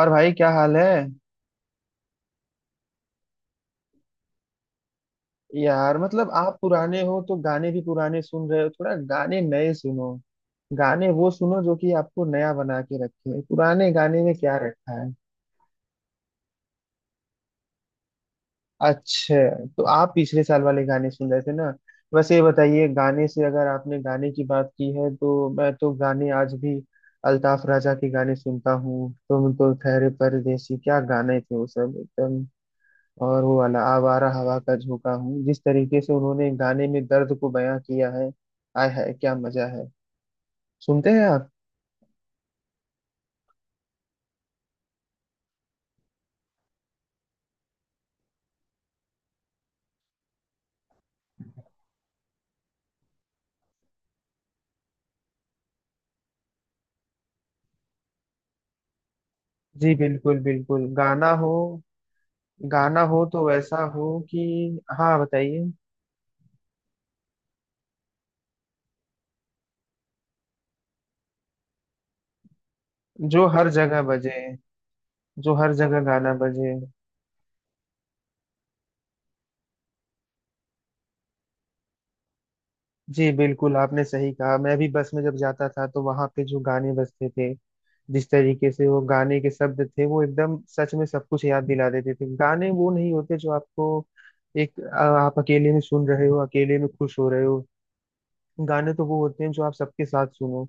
और भाई क्या हाल है। यार मतलब आप पुराने हो तो गाने भी पुराने सुन रहे हो, थोड़ा गाने नए सुनो। गाने वो सुनो जो कि आपको नया बना के रखे, पुराने गाने में क्या रखा है। अच्छा, तो आप पिछले साल वाले गाने सुन रहे थे ना। वैसे ये बताइए, गाने से अगर आपने गाने की बात की है तो मैं तो गाने आज भी अल्ताफ राजा के गाने सुनता हूँ। तुम तो ठहरे परदेसी, क्या गाने थे वो, सब एकदम। और वो वाला आवारा हवा का झोंका हूँ, जिस तरीके से उन्होंने गाने में दर्द को बयां किया है, आय हाय क्या मजा है। सुनते हैं आप। जी बिल्कुल बिल्कुल, गाना हो, गाना हो तो वैसा हो कि हाँ बताइए। जो हर जगह बजे, जो हर जगह गाना बजे। जी बिल्कुल, आपने सही कहा। मैं भी बस में जब जाता था तो वहां पे जो गाने बजते थे, जिस तरीके से वो गाने के शब्द थे, वो एकदम सच में सब कुछ याद दिला देते थे। गाने वो नहीं होते जो आपको आप अकेले में सुन रहे हो, अकेले में खुश हो रहे हो। गाने तो वो होते हैं जो आप सबके साथ सुनो,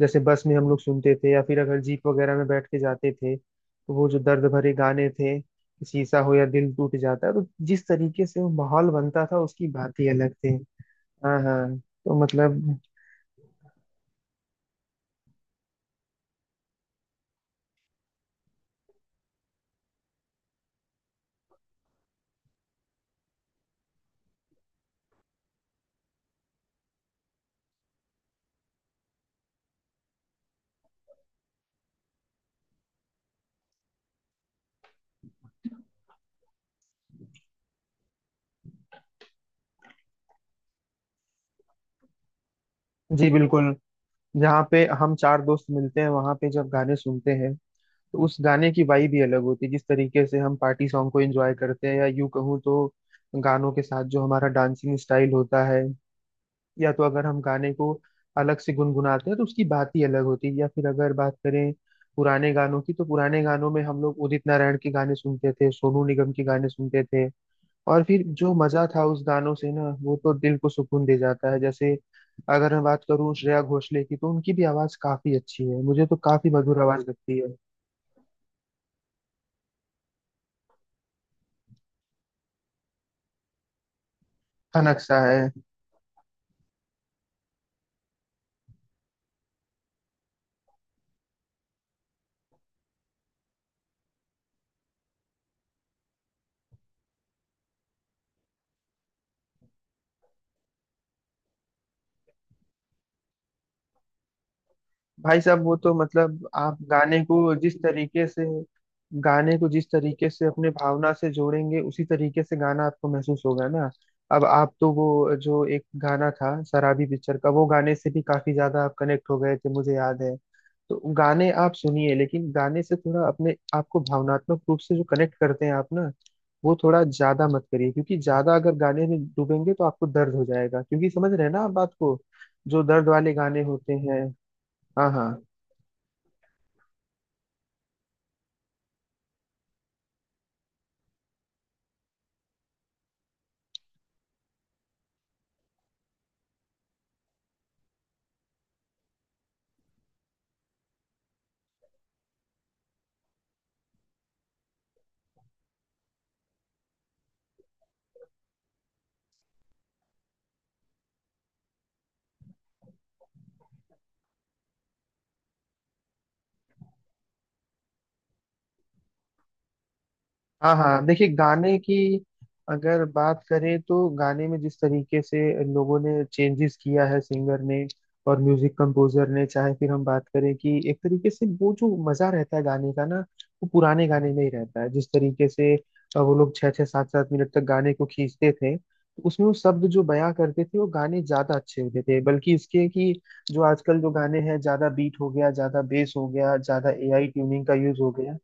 जैसे बस में हम लोग सुनते थे या फिर अगर जीप वगैरह में बैठ के जाते थे, तो वो जो दर्द भरे गाने थे, शीशा हो या दिल टूट जाता है, तो जिस तरीके से वो माहौल बनता था उसकी बात ही अलग थी। हाँ हाँ, तो मतलब। जी बिल्कुल, जहाँ पे हम चार दोस्त मिलते हैं वहां पे जब गाने सुनते हैं, तो उस गाने की वाइब ही अलग होती है। जिस तरीके से हम पार्टी सॉन्ग को एंजॉय करते हैं, या यूं कहूँ तो गानों के साथ जो हमारा डांसिंग स्टाइल होता है, या तो अगर हम गाने को अलग से गुनगुनाते हैं तो उसकी बात ही अलग होती है। या फिर अगर बात करें पुराने गानों की, तो पुराने गानों में हम लोग उदित नारायण के गाने सुनते थे, सोनू निगम के गाने सुनते थे, और फिर जो मजा था उस गानों से ना, वो तो दिल को सुकून दे जाता है। जैसे अगर मैं बात करूँ श्रेया घोषाल की, तो उनकी भी आवाज काफी अच्छी है, मुझे तो काफी मधुर आवाज लगती है। का नक्शा है। भाई साहब वो तो मतलब, आप गाने को जिस तरीके से, गाने को जिस तरीके से अपने भावना से जोड़ेंगे, उसी तरीके से गाना आपको महसूस होगा ना। अब आप तो वो जो एक गाना था शराबी पिक्चर का, वो गाने से भी काफी ज्यादा आप कनेक्ट हो गए थे, मुझे याद है। तो गाने आप सुनिए, लेकिन गाने से थोड़ा अपने आपको भावनात्मक रूप से जो कनेक्ट करते हैं आप ना, वो थोड़ा ज्यादा मत करिए, क्योंकि ज्यादा अगर गाने में डूबेंगे तो आपको दर्द हो जाएगा, क्योंकि समझ रहे हैं ना आप बात को, जो दर्द वाले गाने होते हैं। हाँ हाँ। हाँ हाँ, देखिए गाने की अगर बात करें, तो गाने में जिस तरीके से लोगों ने चेंजेस किया है, सिंगर ने और म्यूजिक कंपोजर ने, चाहे फिर हम बात करें, कि एक तरीके से वो जो मजा रहता है गाने का ना, वो पुराने गाने में ही रहता है। जिस तरीके से वो लोग छः छः सात सात मिनट तक गाने को खींचते थे, तो उसमें वो शब्द जो बयां करते थे, वो गाने ज्यादा अच्छे होते थे, बल्कि इसके कि जो आजकल जो गाने हैं, ज्यादा बीट हो गया, ज्यादा बेस हो गया, ज्यादा एआई ट्यूनिंग का यूज हो गया।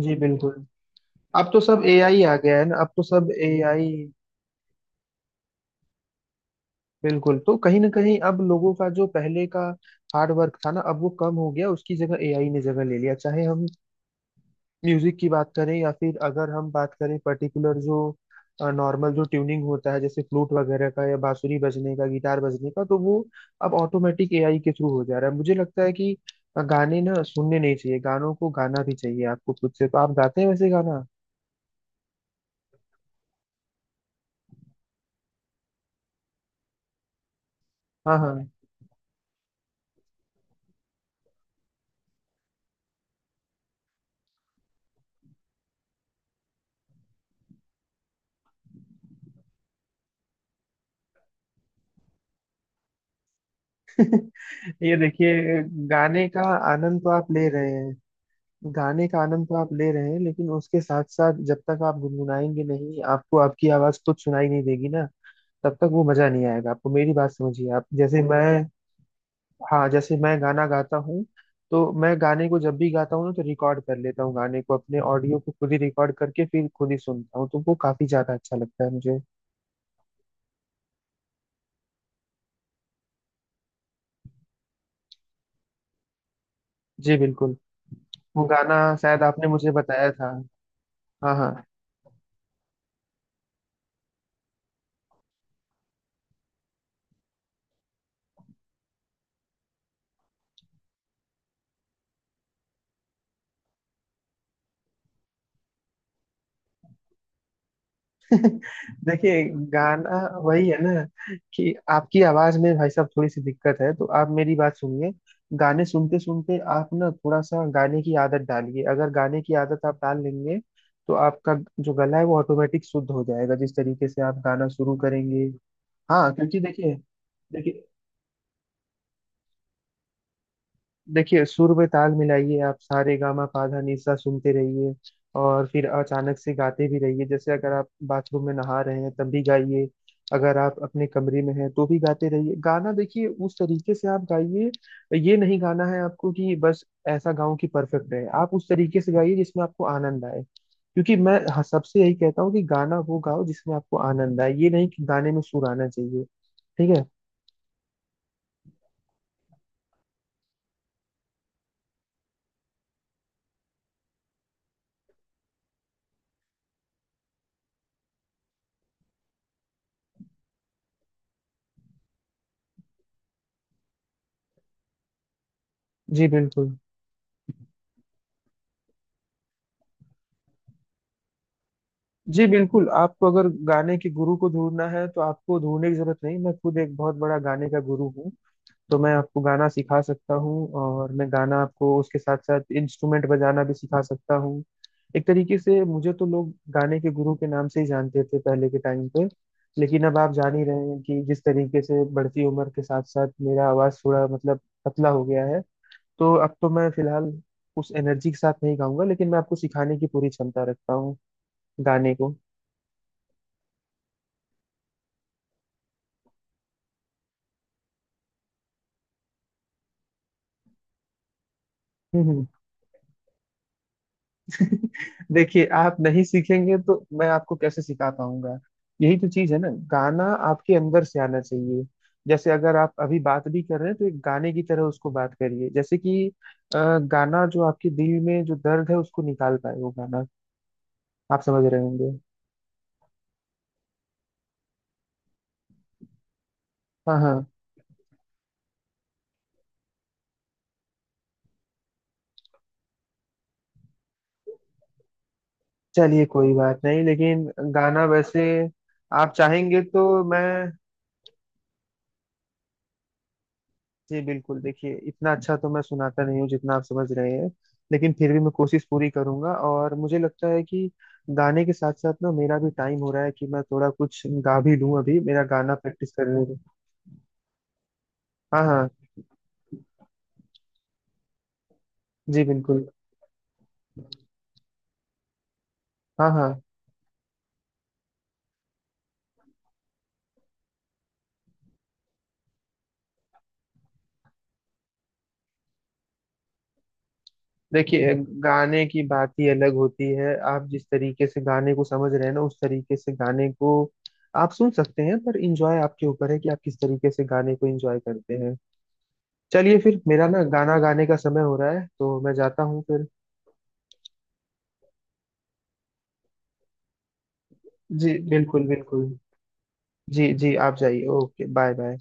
जी बिल्कुल, अब तो सब एआई आ गया है ना, अब तो सब एआई। बिल्कुल, तो कहीं ना कहीं अब लोगों का जो पहले का हार्ड वर्क था ना, अब वो कम हो गया, उसकी जगह एआई ने जगह ले लिया। चाहे हम म्यूजिक की बात करें, या फिर अगर हम बात करें पर्टिकुलर जो नॉर्मल जो ट्यूनिंग होता है, जैसे फ्लूट वगैरह का या बांसुरी बजने का, गिटार बजने का, तो वो अब ऑटोमेटिक एआई के थ्रू हो जा रहा है। मुझे लगता है कि गाने ना सुनने नहीं चाहिए, गानों को गाना भी चाहिए आपको खुद से। तो आप गाते हैं वैसे गाना? हाँ हाँ, ये देखिए, गाने का आनंद तो आप ले रहे हैं, गाने का आनंद तो आप ले रहे हैं, लेकिन उसके साथ साथ जब तक आप गुनगुनाएंगे नहीं, आपको आपकी आवाज खुद सुनाई नहीं देगी ना, तब तक वो मजा नहीं आएगा आपको। मेरी बात समझिए आप, जैसे मैं, हाँ जैसे मैं गाना गाता हूँ, तो मैं गाने को जब भी गाता हूँ ना, तो रिकॉर्ड कर लेता हूँ गाने को, अपने ऑडियो को खुद ही रिकॉर्ड करके फिर खुद ही सुनता हूँ, तो वो काफी ज्यादा अच्छा लगता है मुझे। जी बिल्कुल, वो गाना शायद आपने मुझे बताया था। हाँ हाँ। देखिए, गाना वही है ना, कि आपकी आवाज में भाई साहब थोड़ी सी दिक्कत है, तो आप मेरी बात सुनिए, गाने सुनते सुनते आप ना थोड़ा सा गाने की आदत डालिए। अगर गाने की आदत आप डाल लेंगे, तो आपका जो गला है वो ऑटोमेटिक शुद्ध हो जाएगा, जिस तरीके से आप गाना शुरू करेंगे। हाँ क्योंकि देखिए, देखिए देखिए सुर में ताल मिलाइए आप, सारे गामा पाधा निसा सुनते रहिए, और फिर अचानक से गाते भी रहिए। जैसे अगर आप बाथरूम में नहा रहे हैं तब भी गाइए, अगर आप अपने कमरे में हैं तो भी गाते रहिए। गाना देखिए उस तरीके से आप गाइए, ये नहीं गाना है आपको कि बस ऐसा गाऊं कि परफेक्ट रहे। आप उस तरीके से गाइए जिसमें आपको आनंद आए, क्योंकि मैं सबसे यही कहता हूँ कि गाना वो गाओ जिसमें आपको आनंद आए, ये नहीं कि गाने में सुर आना चाहिए। ठीक है। जी बिल्कुल, जी बिल्कुल, आपको अगर गाने के गुरु को ढूंढना है, तो आपको ढूंढने की जरूरत नहीं, मैं खुद एक बहुत बड़ा गाने का गुरु हूँ। तो मैं आपको गाना सिखा सकता हूँ, और मैं गाना आपको उसके साथ साथ इंस्ट्रूमेंट बजाना भी सिखा सकता हूँ। एक तरीके से मुझे तो लोग गाने के गुरु के नाम से ही जानते थे पहले के टाइम पे। लेकिन अब आप जान ही रहे हैं कि जिस तरीके से बढ़ती उम्र के साथ साथ मेरा आवाज थोड़ा मतलब पतला हो गया है, तो अब तो मैं फिलहाल उस एनर्जी के साथ नहीं गाऊंगा, लेकिन मैं आपको सिखाने की पूरी क्षमता रखता हूँ गाने को। हम्म हम्म। देखिए, आप नहीं सीखेंगे तो मैं आपको कैसे सिखा पाऊंगा, यही तो चीज है ना। गाना आपके अंदर से आना चाहिए, जैसे अगर आप अभी बात भी कर रहे हैं तो एक गाने की तरह उसको बात करिए, जैसे कि अ, गाना जो आपके दिल में जो दर्द है उसको निकाल पाए, वो गाना। आप समझ रहे होंगे। हाँ हाँ, चलिए कोई बात नहीं, लेकिन गाना वैसे आप चाहेंगे तो मैं, जी बिल्कुल, देखिए इतना अच्छा तो मैं सुनाता नहीं हूँ जितना आप समझ रहे हैं, लेकिन फिर भी मैं कोशिश पूरी करूंगा। और मुझे लगता है कि गाने के साथ साथ ना मेरा भी टाइम हो रहा है, कि मैं थोड़ा कुछ गा भी लूँ, अभी मेरा गाना प्रैक्टिस करने में। हाँ हाँ। जी बिल्कुल। हाँ हाँ, देखिए गाने की बात ही अलग होती है, आप जिस तरीके से गाने को समझ रहे हैं ना, उस तरीके से गाने को आप सुन सकते हैं, पर इंजॉय आपके ऊपर है कि आप किस तरीके से गाने को इंजॉय करते हैं। चलिए फिर मेरा ना गाना गाने का समय हो रहा है, तो मैं जाता हूँ फिर। जी बिल्कुल बिल्कुल। जी जी, आप जाइए, ओके बाय बाय।